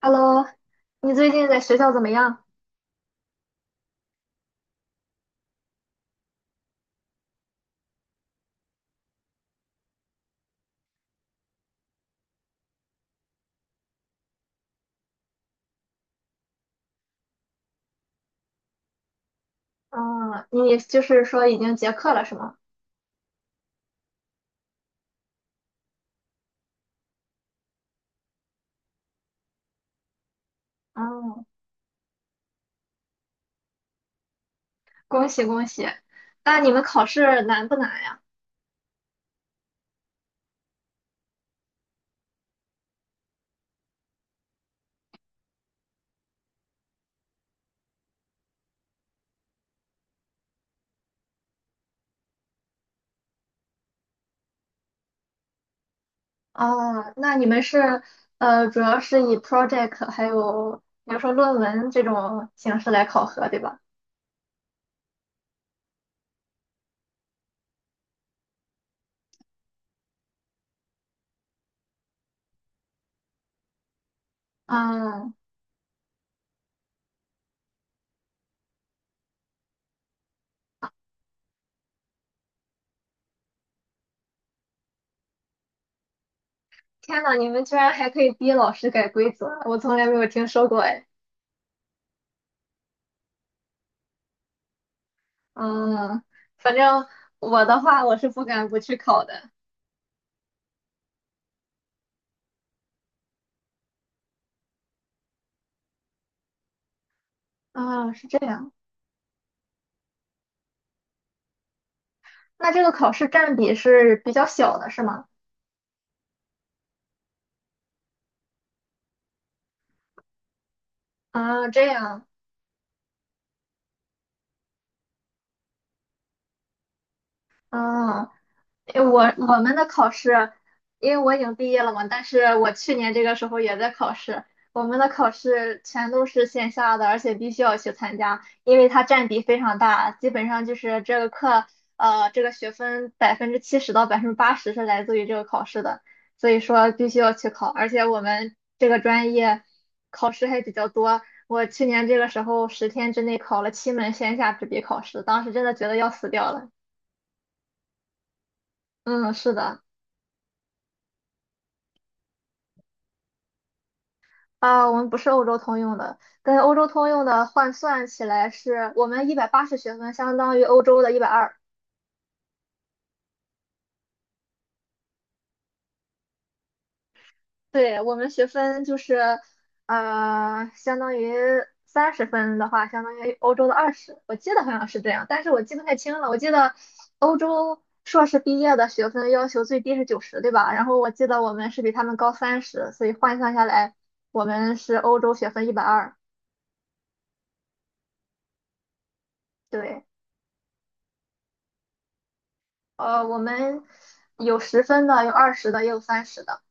Hello，你最近在学校怎么样？嗯，你就是说已经结课了是吗？嗯，恭喜恭喜。那你们考试难不难呀？哦，那你们是主要是以 project 还有比如说论文这种形式来考核，对吧？嗯，天呐，你们居然还可以逼老师改规则，我从来没有听说过哎。嗯，反正我的话，我是不敢不去考的。啊，是这样。那这个考试占比是比较小的，是吗？啊，这样，啊，诶我们的考试，因为我已经毕业了嘛，但是我去年这个时候也在考试。我们的考试全都是线下的，而且必须要去参加，因为它占比非常大，基本上就是这个课，这个学分70%到80%是来自于这个考试的，所以说必须要去考。而且我们这个专业考试还比较多，我去年这个时候10天之内考了七门线下纸笔考试，当时真的觉得要死掉了。嗯，是的。啊，我们不是欧洲通用的，跟欧洲通用的换算起来是，我们一百八十学分相当于欧洲的一百二，对，我们学分就是，相当于30分的话，相当于欧洲的二十，我记得好像是这样，但是我记不太清了，我记得欧洲硕士毕业的学分要求最低是90，对吧？然后我记得我们是比他们高三十，所以换算下来，我们是欧洲学分一百二，对。呃，我们有十分的，有二十的，也有三十的。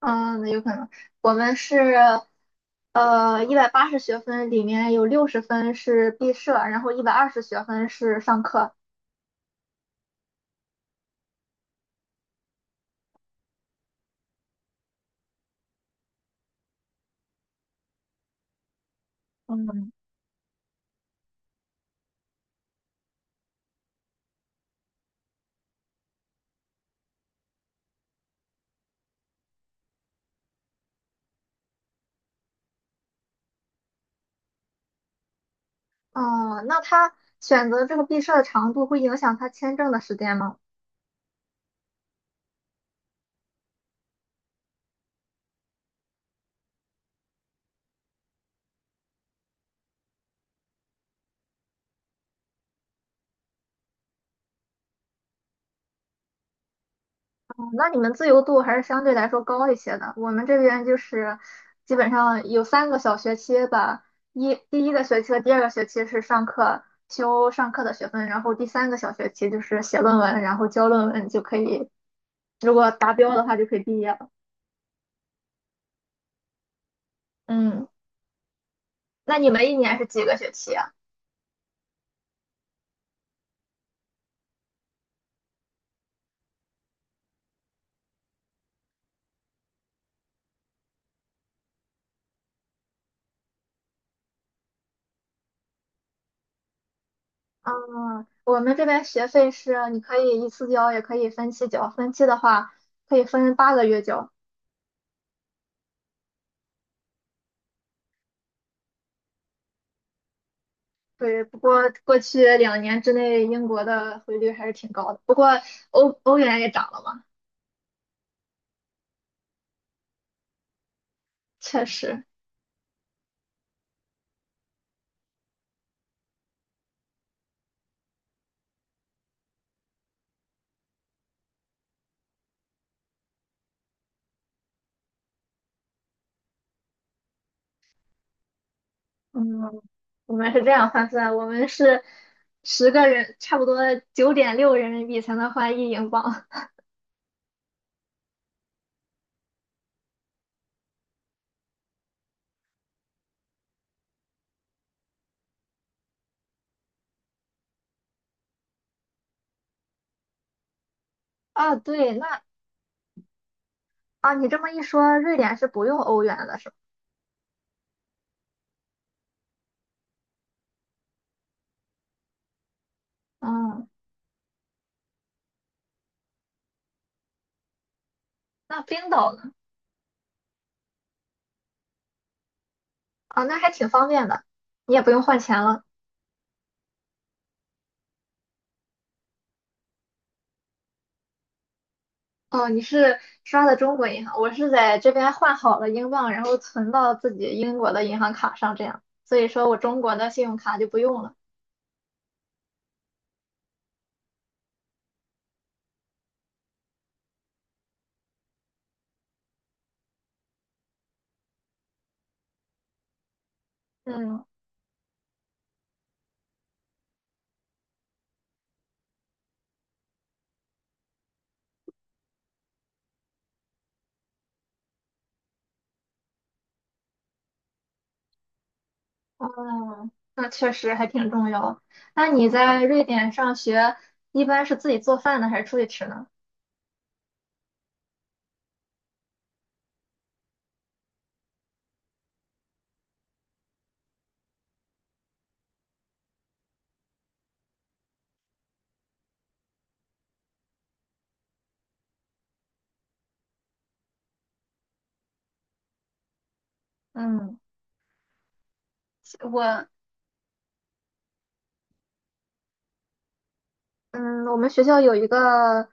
嗯，那有可能我们是一百八十学分，里面有60分是毕设，然后120学分是上课。嗯，嗯，那他选择这个毕设的长度会影响他签证的时间吗？那你们自由度还是相对来说高一些的。我们这边就是基本上有三个小学期吧，一第一个学期和第二个学期是上课修上课的学分，然后第三个小学期就是写论文，然后交论文就可以，如果达标的话就可以毕业了。嗯，那你们一年是几个学期啊？嗯，我们这边学费是你可以一次交，也可以分期交。分期的话可以分8个月交。对，不过过去2年之内，英国的汇率还是挺高的。不过欧元也涨了嘛，确实。嗯，我们是这样换算，我们是10个人，差不多9.6人民币才能换1英镑。啊，对，那啊，你这么一说，瑞典是不用欧元的，是吧？嗯，那冰岛呢？啊，那还挺方便的，你也不用换钱了。哦，你是刷的中国银行，我是在这边换好了英镑，然后存到自己英国的银行卡上，这样，所以说我中国的信用卡就不用了。嗯，哦，那确实还挺重要。那你在瑞典上学，一般是自己做饭呢，还是出去吃呢？嗯，我嗯，我们学校有一个，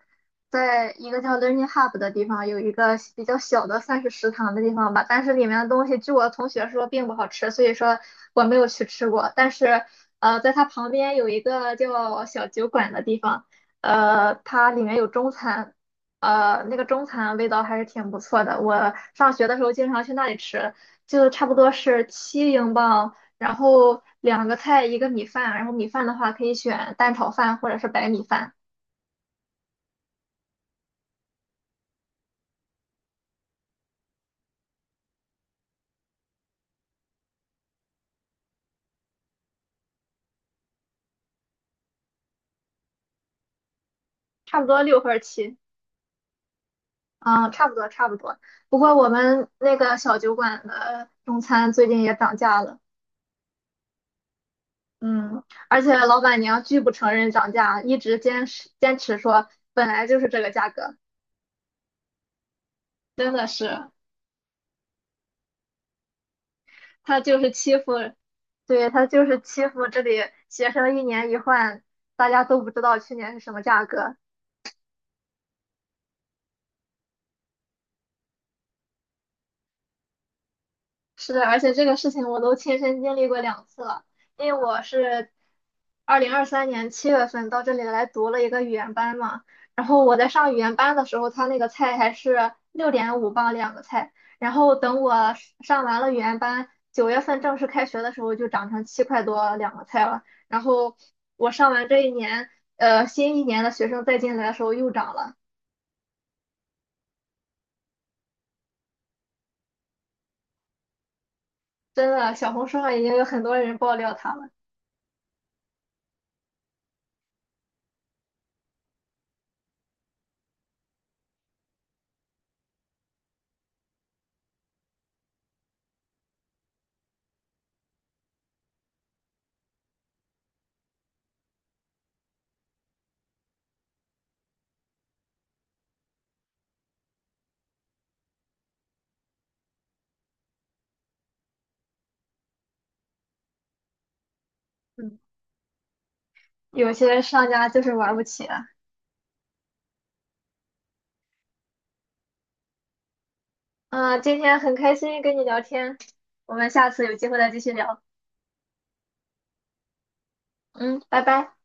在一个叫 Learning Hub 的地方，有一个比较小的算是食堂的地方吧，但是里面的东西，据我同学说并不好吃，所以说我没有去吃过。但是，在它旁边有一个叫小酒馆的地方，它里面有中餐，那个中餐味道还是挺不错的。我上学的时候经常去那里吃，就差不多是7英镑。然后两个菜一个米饭，然后米饭的话可以选蛋炒饭或者是白米饭，差不多六份者七，嗯，差不多差不多。不过我们那个小酒馆的中餐最近也涨价了，嗯，而且老板娘拒不承认涨价，一直坚持坚持说本来就是这个价格，真的是，她就是欺负，对，她就是欺负这里学生一年一换，大家都不知道去年是什么价格，是的，而且这个事情我都亲身经历过两次了，因为我是2023年7月份到这里来读了一个语言班嘛，然后我在上语言班的时候，他那个菜还是6.5磅两个菜，然后等我上完了语言班，9月份正式开学的时候就涨成7块多两个菜了，然后我上完这一年，新一年的学生再进来的时候又涨了，真的，小红书上已经有很多人爆料他了，嗯，有些商家就是玩不起啊。嗯，今天很开心跟你聊天，我们下次有机会再继续聊。嗯，拜拜。